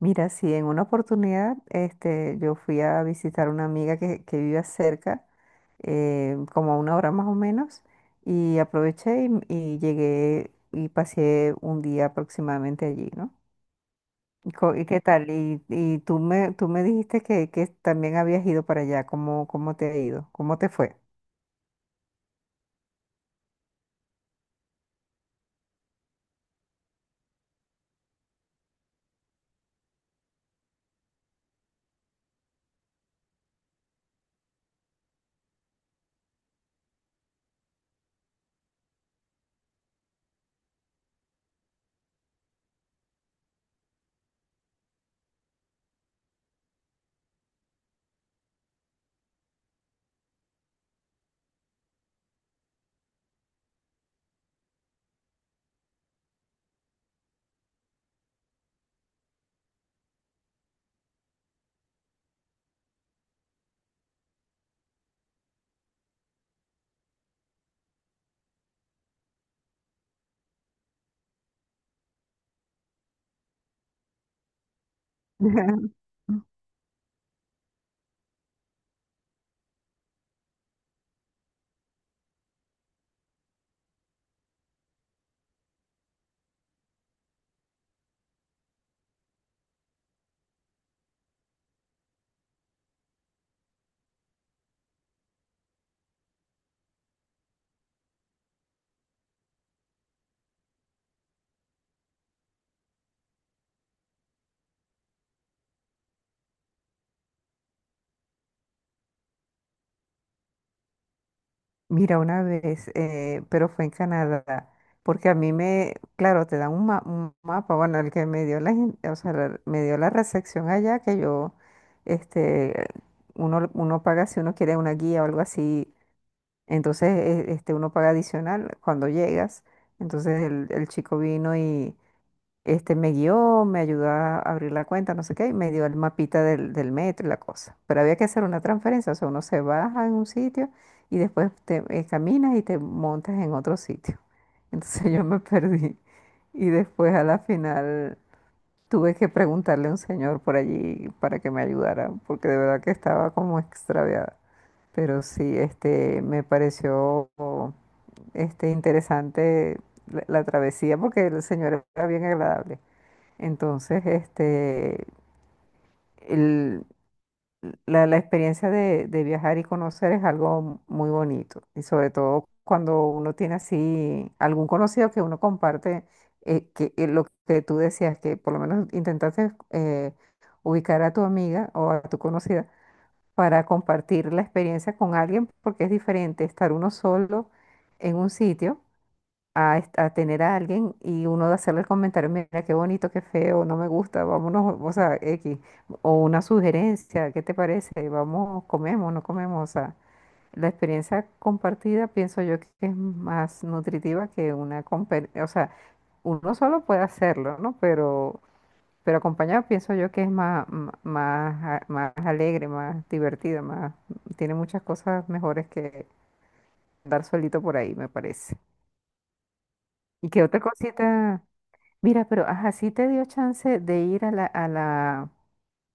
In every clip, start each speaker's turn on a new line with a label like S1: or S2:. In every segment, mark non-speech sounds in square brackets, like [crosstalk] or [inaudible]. S1: Mira, sí, en una oportunidad yo fui a visitar a una amiga que vive cerca, como a una hora más o menos, y aproveché y llegué y pasé un día aproximadamente allí, ¿no? ¿Y y qué tal? Y tú me dijiste que también habías ido para allá, ¿cómo te ha ido? ¿Cómo te fue? [laughs] Mira, una vez, pero fue en Canadá, porque a mí me, claro, te dan un mapa, bueno, el que me dio o sea, me dio la recepción allá, que yo, este, uno paga si uno quiere una guía o algo así. Entonces, uno paga adicional cuando llegas. Entonces el chico vino, me guió, me ayudó a abrir la cuenta, no sé qué, y me dio el mapita del metro y la cosa. Pero había que hacer una transferencia, o sea, uno se baja en un sitio y después te caminas y te montas en otro sitio. Entonces [laughs] yo me perdí. Y después, a la final, tuve que preguntarle a un señor por allí para que me ayudara, porque de verdad que estaba como extraviada. Pero sí, me pareció, interesante la travesía, porque el señor era bien agradable. Entonces, el- la experiencia de viajar y conocer es algo muy bonito. Y sobre todo cuando uno tiene así algún conocido que uno comparte, que lo que tú decías, que por lo menos intentaste ubicar a tu amiga o a tu conocida para compartir la experiencia con alguien, porque es diferente estar uno solo en un sitio a tener a alguien y uno de hacerle el comentario, mira qué bonito, qué feo, no me gusta, vámonos, o sea, X, o una sugerencia, ¿qué te parece? Vamos, comemos, no comemos, o sea, la experiencia compartida pienso yo que es más nutritiva que o sea, uno solo puede hacerlo, ¿no? Pero acompañado pienso yo que es más alegre, más divertida, más, tiene muchas cosas mejores que andar solito por ahí, me parece. ¿Y qué otra cosita? Mira, pero ajá, sí te dio chance de ir a la, a la,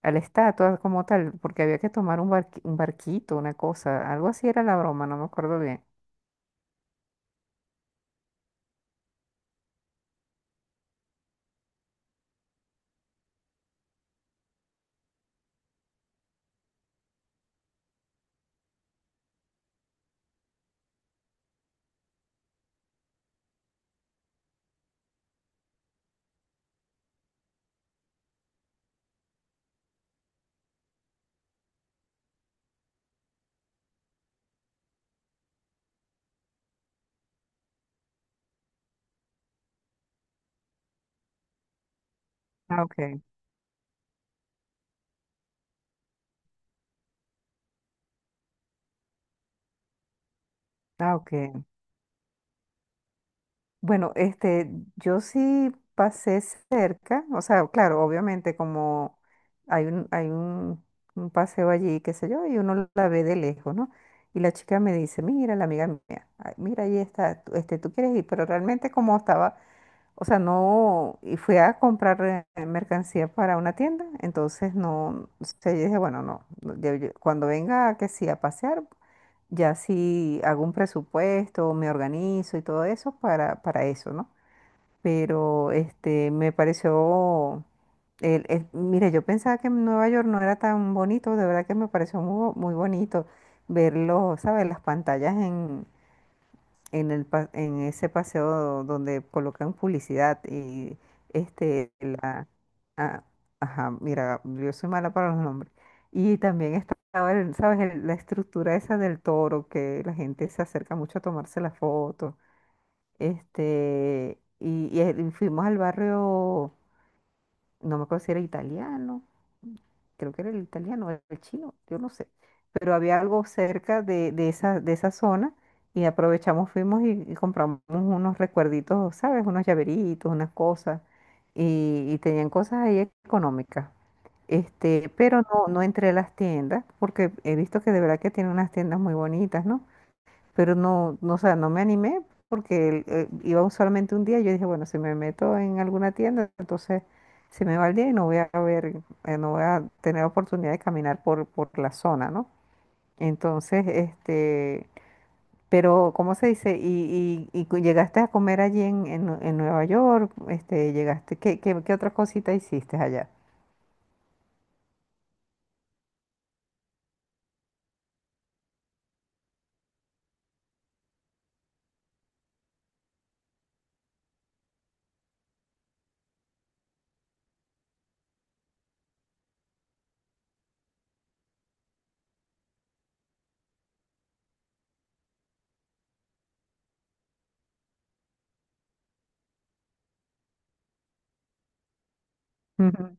S1: a la estatua como tal, porque había que tomar un barquito, una cosa, algo así era la broma, no me acuerdo bien. Ah, ok. Ah, ok. Bueno, yo sí pasé cerca, o sea, claro, obviamente como hay un paseo allí, qué sé yo, y uno la ve de lejos, ¿no? Y la chica me dice, mira, la amiga mía, ay, mira, ahí está, tú quieres ir, pero realmente como estaba. O sea, no, y fui a comprar mercancía para una tienda, entonces no, o sea, yo dije, bueno, no, no, cuando venga que sí a pasear, ya sí hago un presupuesto, me organizo y todo eso para eso, ¿no? Pero me pareció, mire, yo pensaba que Nueva York no era tan bonito, de verdad que me pareció muy bonito verlo, ¿sabes? Las pantallas en ese paseo donde colocan publicidad este la ah, ajá, mira, yo soy mala para los nombres. Y también estaba el, ¿sabes? La estructura esa del toro, que la gente se acerca mucho a tomarse la foto. Y fuimos al barrio, no me acuerdo si era italiano, creo que era el italiano, o el chino, yo no sé, pero había algo cerca de esa zona y aprovechamos, fuimos y compramos unos recuerditos, ¿sabes? Unos llaveritos, unas cosas, y tenían cosas ahí económicas. Pero no, no entré a las tiendas porque he visto que de verdad que tiene unas tiendas muy bonitas, ¿no? Pero no, no, o sea, no me animé, porque iba solamente un día. Yo dije, bueno, si me meto en alguna tienda, entonces se me va el día y no voy a ver, no voy a tener oportunidad de caminar por la zona, ¿no? Entonces, pero, ¿cómo se dice? Llegaste a comer allí en Nueva York? Llegaste, ¿qué otra cosita hiciste allá? Ujú.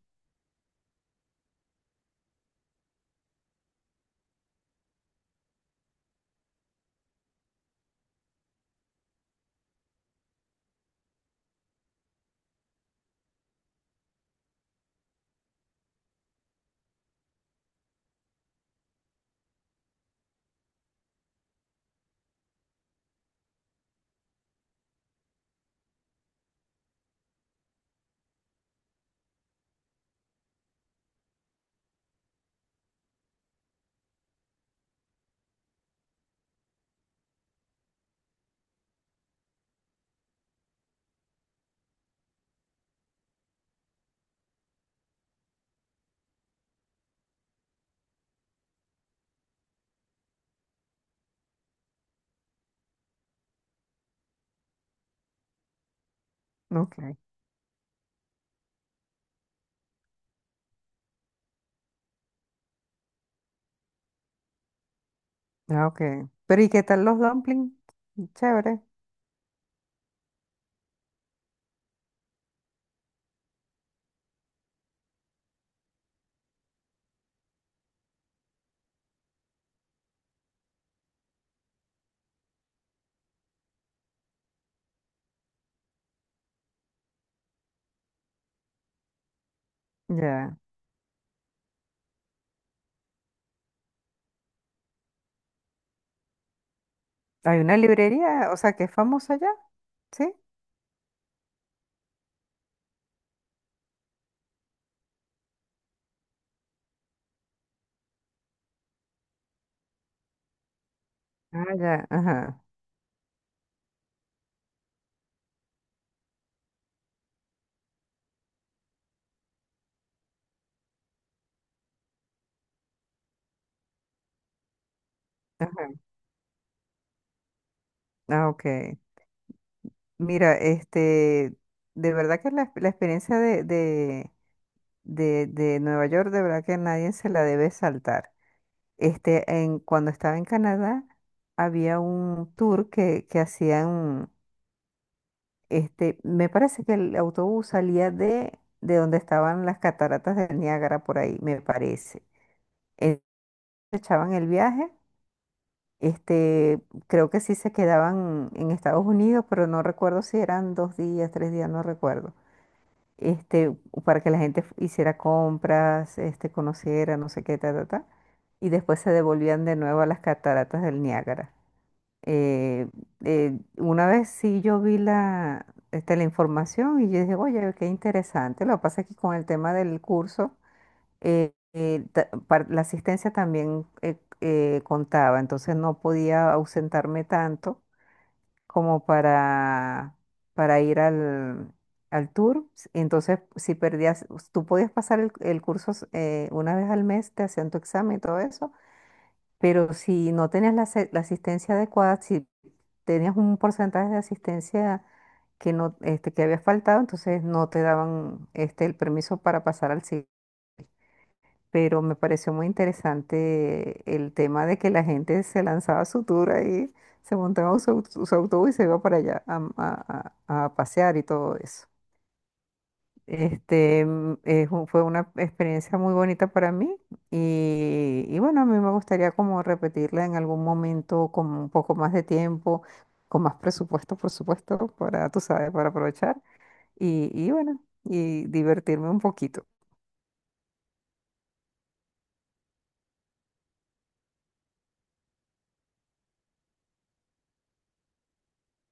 S1: Ok. Ah, ok. Pero, ¿y qué tal los dumplings? Chévere. Ya. Hay una librería, o sea, que es famosa allá. ¿Sí? Ah, ya, ajá. Ah, ok. Mira, de verdad que la experiencia de Nueva York, de verdad que nadie se la debe saltar. Cuando estaba en Canadá, había un tour que hacían, me parece que el autobús salía de donde estaban las cataratas del Niágara, por ahí, me parece. Entonces, echaban el viaje. Este, creo que sí se quedaban en Estados Unidos, pero no recuerdo si eran 2 días, 3 días, no recuerdo. Este, para que la gente hiciera compras, conociera, no sé qué, ta, ta, ta. Y después se devolvían de nuevo a las cataratas del Niágara. Eh, una vez sí yo vi la información y yo dije, oye, qué interesante. Lo que pasa es que con el tema del curso, la asistencia también contaba, entonces no podía ausentarme tanto como para ir al tour. Entonces, si perdías, tú podías pasar el curso, una vez al mes, te hacían tu examen y todo eso, pero si no tenías la asistencia adecuada, si tenías un porcentaje de asistencia que no, que había faltado, entonces no te daban, el permiso para pasar al siguiente. Pero me pareció muy interesante el tema de que la gente se lanzaba a su tour ahí, se montaba en su autobús y se iba para allá a pasear y todo eso. Fue una experiencia muy bonita para mí, y bueno, a mí me gustaría como repetirla en algún momento con un poco más de tiempo, con más presupuesto, por supuesto, para, tú sabes, para aprovechar y bueno, y divertirme un poquito.